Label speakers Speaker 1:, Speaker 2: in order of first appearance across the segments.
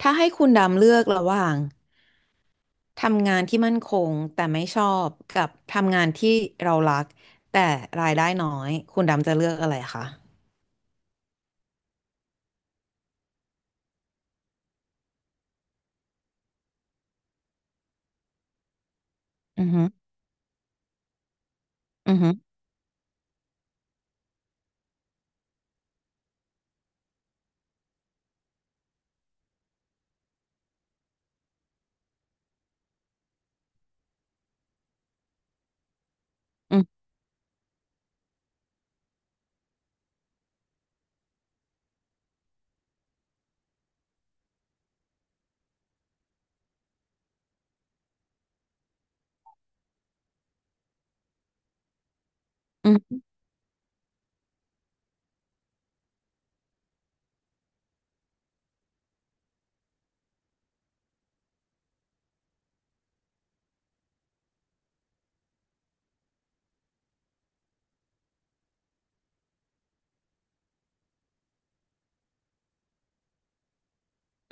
Speaker 1: ถ้าให้คุณดำเลือกระหว่างทำงานที่มั่นคงแต่ไม่ชอบกับทำงานที่เรารักแต่รายได้น้อยคุณดำจะเลือกอะไรคะอือฮึอือฮึออืออือ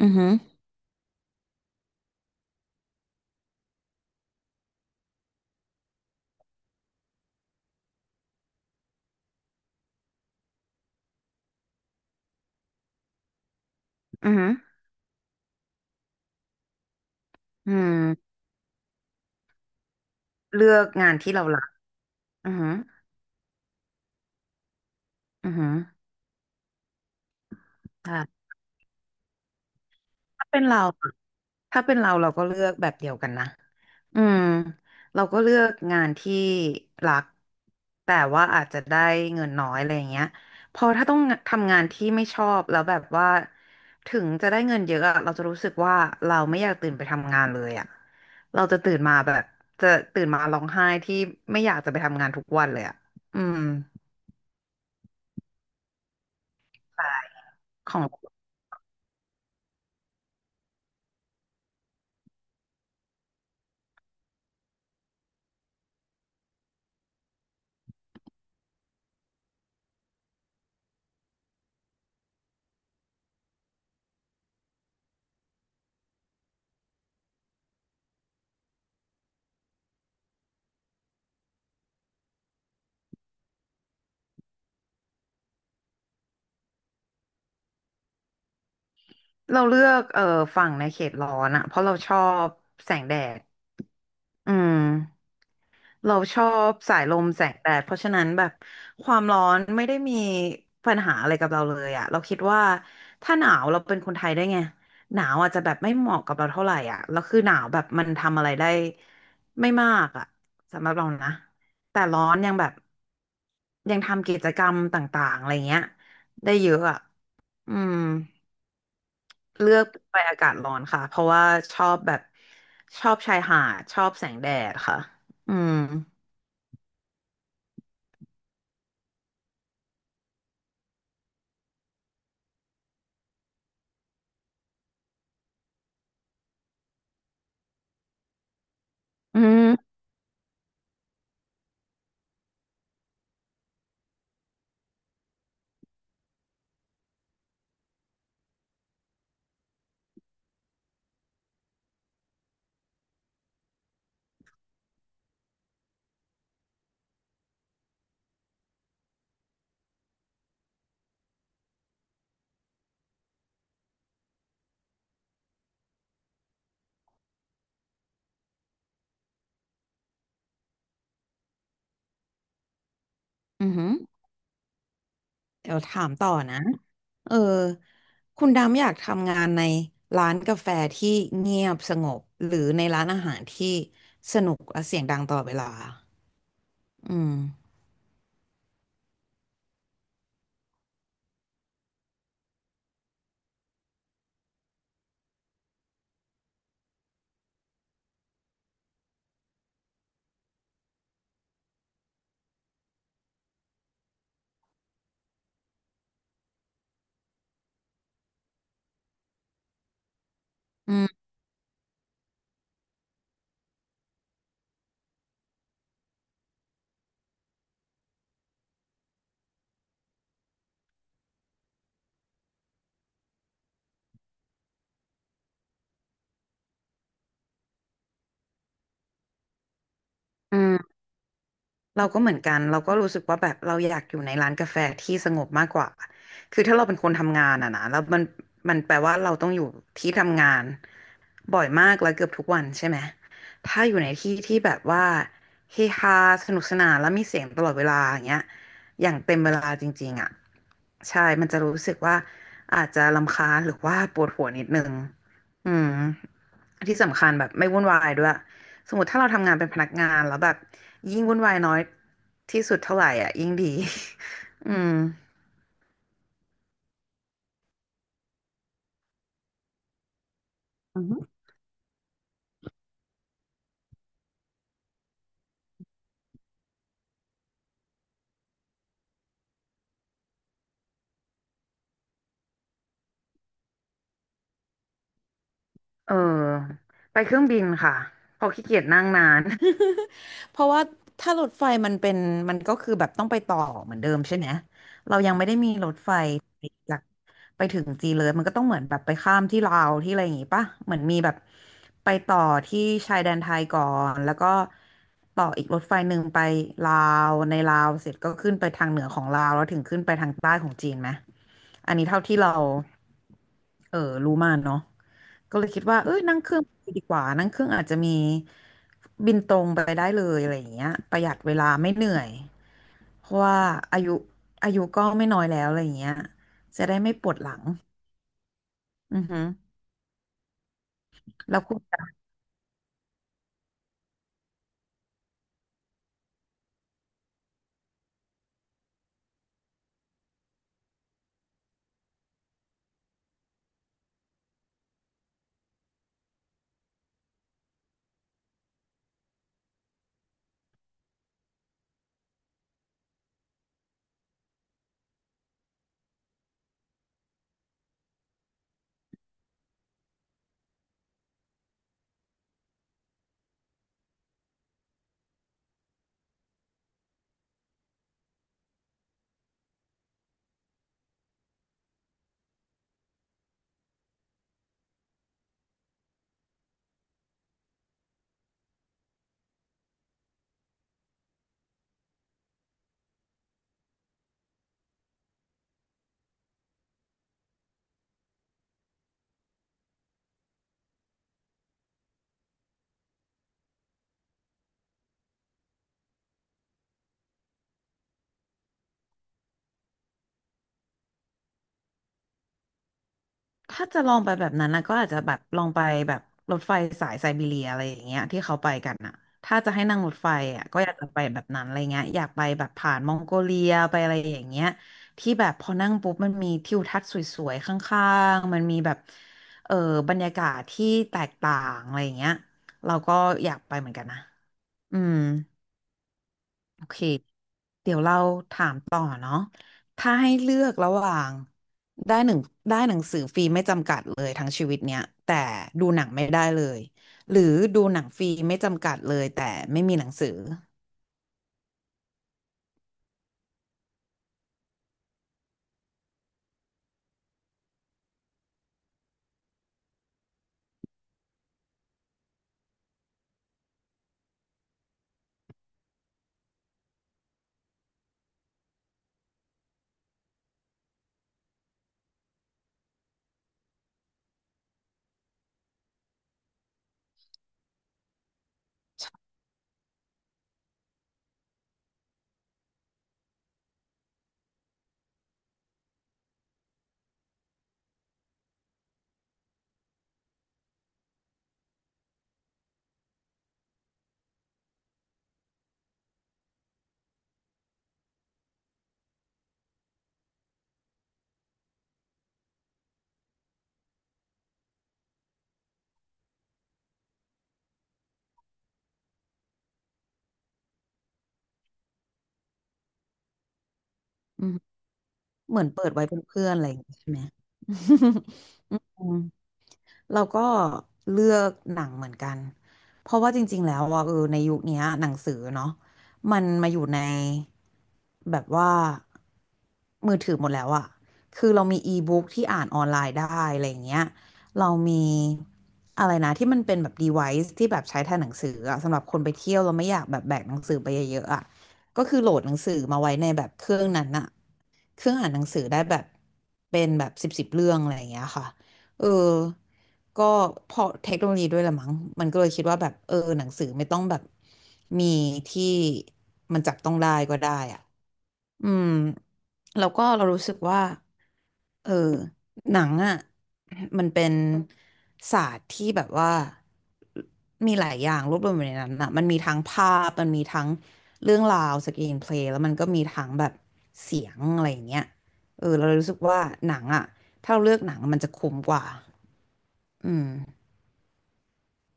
Speaker 1: อือือือือืมเลือกงานที่เรารักอือฮึอือฮึใช่ ถ้าเป็นเราอะถ้าเป็นเราเราก็เลือกแบบเดียวกันนะอืมเราก็เลือกงานที่รักแต่ว่าอาจจะได้เงินน้อยอะไรอย่างเงี้ยพอถ้าต้องทำงานที่ไม่ชอบแล้วแบบว่าถึงจะได้เงินเยอะอะเราจะรู้สึกว่าเราไม่อยากตื่นไปทำงานเลยอะเราจะตื่นมาแบบจะตื่นมาร้องไห้ที่ไม่อยากจะไปทำงานทุกวันเลยอะอืมของเราเลือกฝั่งในเขตร้อนอะเพราะเราชอบแสงแดดอืม เราชอบสายลมแสงแดดเพราะฉะนั้นแบบความร้อนไม่ได้มีปัญหาอะไรกับเราเลยอะเราคิดว่าถ้าหนาวเราเป็นคนไทยได้ไงหนาวอาจจะแบบไม่เหมาะกับเราเท่าไหร่อ่ะแล้วคือหนาวแบบมันทำอะไรได้ไม่มากอ่ะสำหรับเรานะแต่ร้อนยังแบบยังทำกิจกรรมต่างๆอะไรเงี้ยได้เยอะอ่ะอืมเลือกไปอากาศร้อนค่ะเพราะว่าชอบแบบชอบชายหาดชอบแสงแดดค่ะอืมอืม อือหือเดี๋ยวถามต่อนะเออคุณดำอยากทำงานในร้านกาแฟที่เงียบสงบหรือในร้านอาหารที่สนุกและเสียงดังตลอดเวลาอืมอืม เราก็เหมือนกันเราก็รู้สึกว่าแบบเราอยากอยู่ในร้านกาแฟที่สงบมากกว่าคือถ้าเราเป็นคนทำงานอะนะแล้วมันแปลว่าเราต้องอยู่ที่ทำงานบ่อยมากแล้วเกือบทุกวันใช่ไหมถ้าอยู่ในที่ที่แบบว่าเฮฮาสนุกสนานแล้วมีเสียงตลอดเวลาอย่างเงี้ยอย่างเต็มเวลาจริงๆอะใช่มันจะรู้สึกว่าอาจจะรำคาญหรือว่าปวดหัวนิดนึงอืม ที่สำคัญแบบไม่วุ่นวายด้วยสมมติถ้าเราทำงานเป็นพนักงานแล้วแบบยิ่งวุ่นวายน้อยที่สุดเท่าไหร่อ่ะยิ่งดี อืม เออไปเครื่องบินค่ะเพอขี้เกียจนั่งนาน เพราะว่าถ้ารถไฟมันเป็นมันก็คือแบบต้องไปต่อเหมือนเดิมใช่ไหมเรายังไม่ได้มีรถไฟจากไปถึงจีนเลยมันก็ต้องเหมือนแบบไปข้ามที่ลาวที่อะไรอย่างงี้ป่ะเหมือนมีแบบไปต่อที่ชายแดนไทยก่อนแล้วก็ต่ออีกรถไฟหนึ่งไปลาวในลาวเสร็จก็ขึ้นไปทางเหนือของลาวแล้วถึงขึ้นไปทางใต้ของจีนไหมอันนี้เท่าที่เราเออรู้มาเนาะ ก็เลยคิดว่าเอ้ยนั่งเครื่องไปดีกว่า นั่งเครื่องอาจจะมีบินตรงไปได้เลยอะไรอย่างเงี้ยประหยัดเวลาไม่เหนื่อยเพราะว่าอายุอายุก็ไม่น้อยแล้วอะไรอย่างเงี้ยจะได้ไม่ปวดหลังอือฮึแล้วคุณ ถ้าจะลองไปแบบนั้นนะก็อาจจะแบบลองไปแบบรถไฟสายไซบีเรียอะไรอย่างเงี้ยที่เขาไปกันอ่ะถ้าจะให้นั่งรถไฟอ่ะก็อยากจะไปแบบนั้นอะไรเงี้ยอยากไปแบบผ่านมองโกเลียไปอะไรอย่างเงี้ยที่แบบพอนั่งปุ๊บมันมีทิวทัศน์สวยๆข้างๆมันมีแบบเออบรรยากาศที่แตกต่างอะไรอย่างเงี้ยเราก็อยากไปเหมือนกันนะอืม โอเค เดี๋ยวเราถามต่อเนาะถ้าให้เลือกระหว่างได้หนึ่งได้หนังสือฟรีไม่จำกัดเลยทั้งชีวิตเนี้ยแต่ดูหนังไม่ได้เลยหรือดูหนังฟรีไม่จำกัดเลยแต่ไม่มีหนังสืออืมเหมือนเปิดไว้เป็นเพื่อนอะไรอย่างงี้ใช่ไหม อืมเราก็เลือกหนังเหมือนกันเพราะว่าจริงๆแล้วว่าเออในยุคเนี้ยหนังสือเนาะมันมาอยู่ในแบบว่า มือถือหมดแล้วอะคือเรามีอีบุ๊กที่อ่านออนไลน์ได้อะไรอย่างเงี้ยเรามีอะไรนะที่มันเป็นแบบ device ที่แบบใช้แทนหนังสืออะสำหรับคนไปเที่ยวเราไม่อยากแบบแบกหนังสือไปเยอะๆอะก็คือโหลดหนังสือมาไว้ในแบบเครื่องนั้นอะเครื่องอ่านหนังสือได้แบบเป็นแบบสิบสิบเรื่องอะไรอย่างเงี้ยค่ะเออก็เพราะเทคโนโลยีด้วยละมั้งมันก็เลยคิดว่าแบบเออหนังสือไม่ต้องแบบมีที่มันจับต้องได้ก็ได้อะ อืมแล้วก็เรารู้สึกว่าเออหนังอ่ะมันเป็นศาสตร์ที่แบบว่ามีหลายอย่างรวบรวมอยู่ในนั้นอ่ะมันมีทั้งภาพมันมีทั้งเรื่องราวสกรีนเพลย์แล้วมันก็มีทั้งแบบเสียงอะไรอย่างเงี้ยเออเราเรู้สึกว่าหนังอ่ะถ้าเราเลือกหนังมันจะคุ้มกว่าอืม